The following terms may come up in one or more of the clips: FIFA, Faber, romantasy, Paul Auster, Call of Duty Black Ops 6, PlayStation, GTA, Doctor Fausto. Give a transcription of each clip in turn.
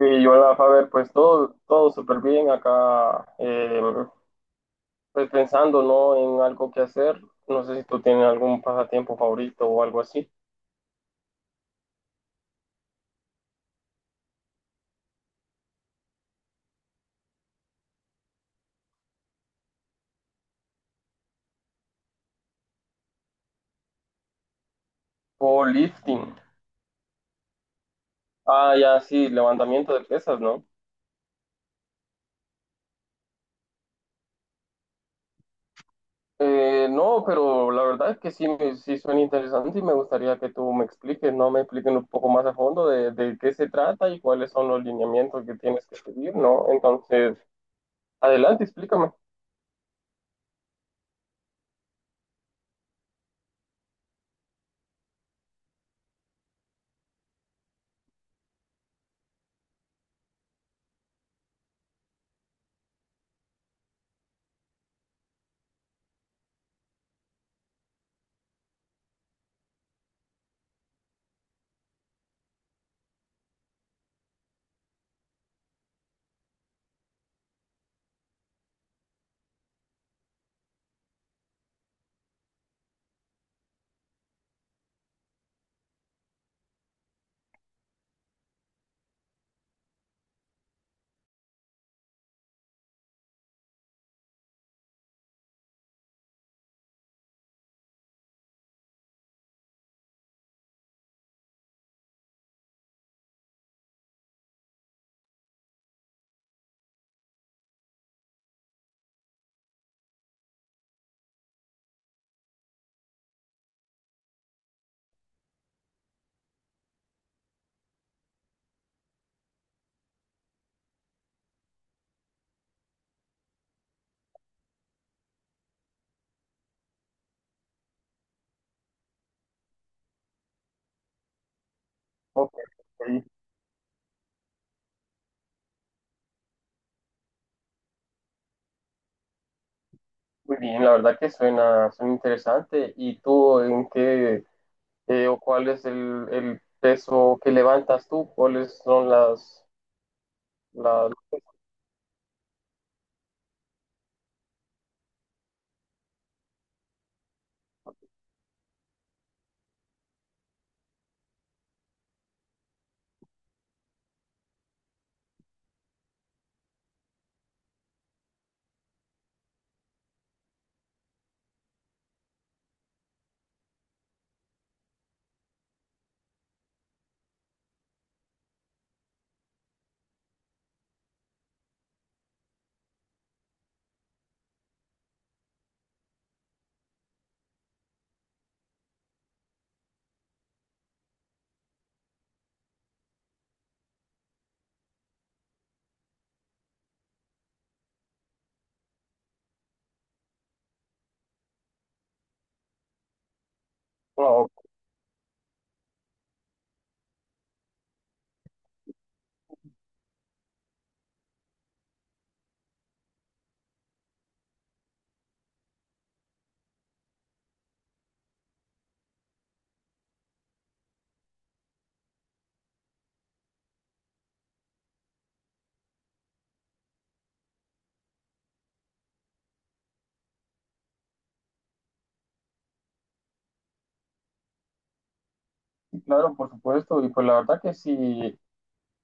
Y hola, Faber, pues todo súper bien acá, pues pensando, ¿no?, en algo que hacer. No sé si tú tienes algún pasatiempo favorito o algo así. O lifting. Ah, ya, sí, levantamiento de pesas, ¿no? No, pero la verdad es que sí, sí suena interesante y me gustaría que tú me expliques, ¿no? Me expliques un poco más a fondo de qué se trata y cuáles son los lineamientos que tienes que seguir, ¿no? Entonces, adelante, explícame. Ok. Muy bien, la verdad que suena interesante. ¿Y tú en qué o cuál es el peso que levantas tú? ¿Cuáles son las... No, sí, claro, por supuesto. Y pues la verdad que sí,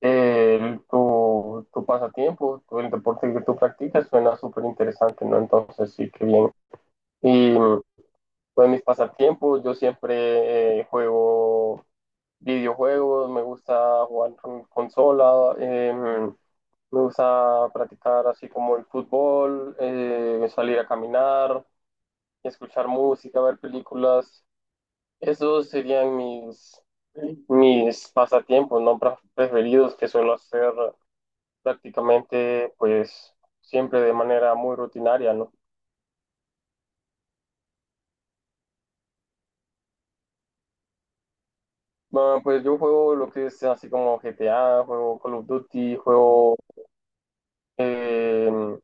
tu pasatiempo, el deporte que tú practicas suena súper interesante, ¿no? Entonces sí, qué bien. Pues mis pasatiempos, yo siempre juego videojuegos, me gusta jugar con consola, me gusta practicar así como el fútbol, salir a caminar, escuchar música, ver películas. Esos serían mis pasatiempos, no Pra- preferidos que suelo hacer prácticamente pues siempre de manera muy rutinaria, ¿no? Bueno, pues yo juego lo que es así como GTA, juego Call of Duty, eh,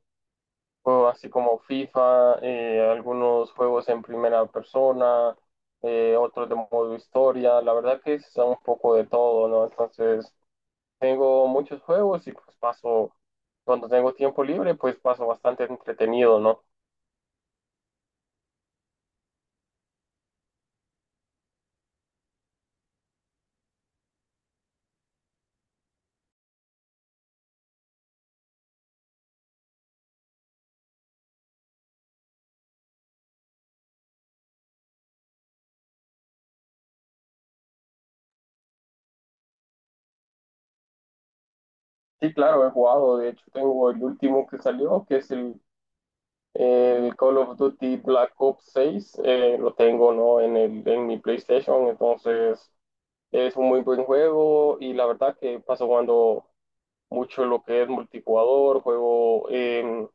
juego así como FIFA, algunos juegos en primera persona, otros de modo historia. La verdad que es un poco de todo, ¿no? Entonces, tengo muchos juegos y pues cuando tengo tiempo libre, pues paso bastante entretenido, ¿no? Sí, claro, he jugado. De hecho, tengo el último que salió, que es el Call of Duty Black Ops 6. Eh, lo tengo, ¿no?, en mi PlayStation. Entonces es un muy buen juego y la verdad que paso jugando mucho lo que es multijugador,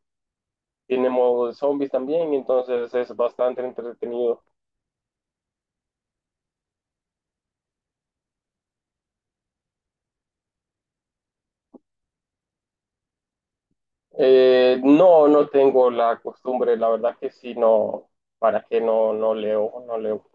tiene modo de zombies también, entonces es bastante entretenido. No, no tengo la costumbre, la verdad que sí, no, para qué, no, no leo, no leo.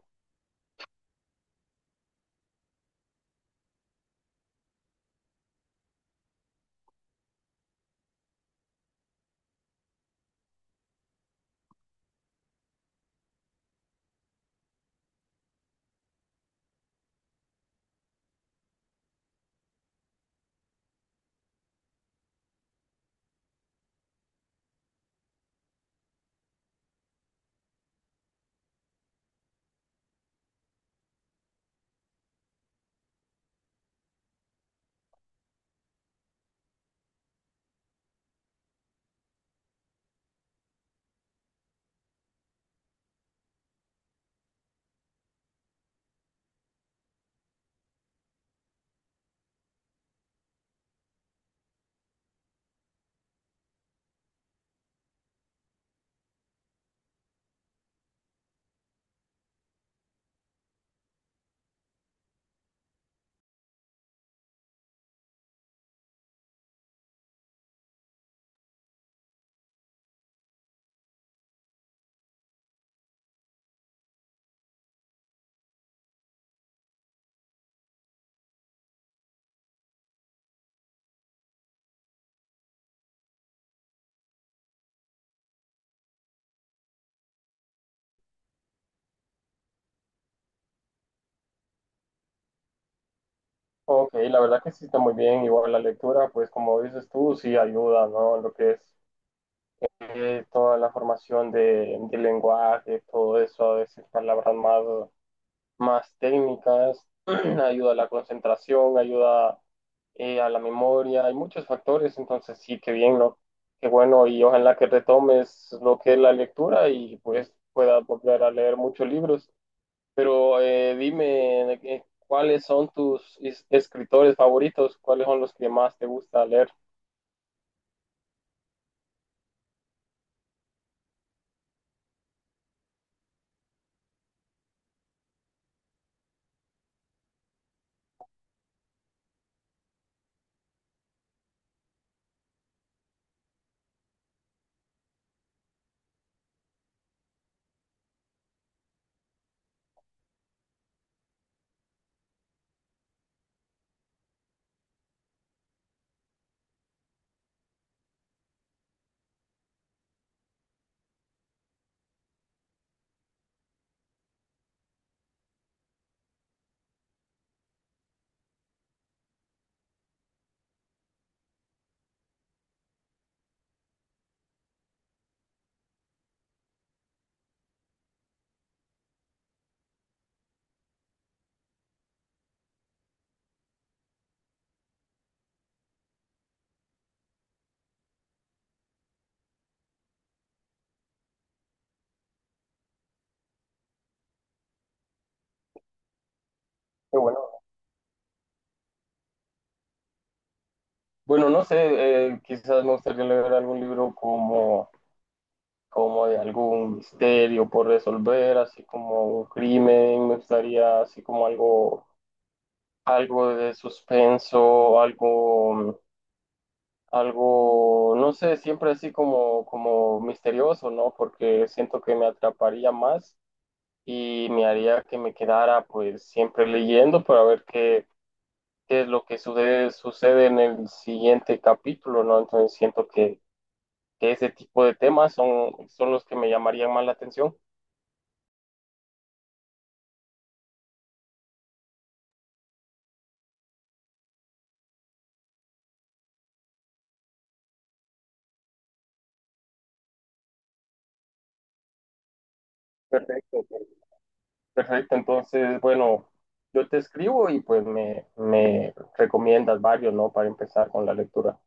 Ok, la verdad que sí está muy bien, igual la lectura, pues como dices tú, sí ayuda, ¿no? Lo que es toda la formación de lenguaje, todo eso, a veces más técnicas, ayuda a la concentración, ayuda a la memoria, hay muchos factores, entonces sí, qué bien, ¿no? Qué bueno, y ojalá que retomes lo que es la lectura y pues puedas volver a leer muchos libros. Pero dime, ¿cuáles son tus escritores favoritos? ¿Cuáles son los que más te gusta leer? Qué bueno. Bueno, no sé, quizás me gustaría leer algún libro como de algún misterio por resolver, así como un crimen, me gustaría así como algo, algo de suspenso, algo, algo, no sé, siempre así como misterioso, ¿no? Porque siento que me atraparía más y me haría que me quedara pues siempre leyendo para ver qué es lo que sucede, sucede en el siguiente capítulo, ¿no? Entonces siento que ese tipo de temas son los que me llamarían más la atención. Perfecto, perfecto. Entonces, bueno, yo te escribo y pues me recomiendas varios, ¿no?, para empezar con la lectura.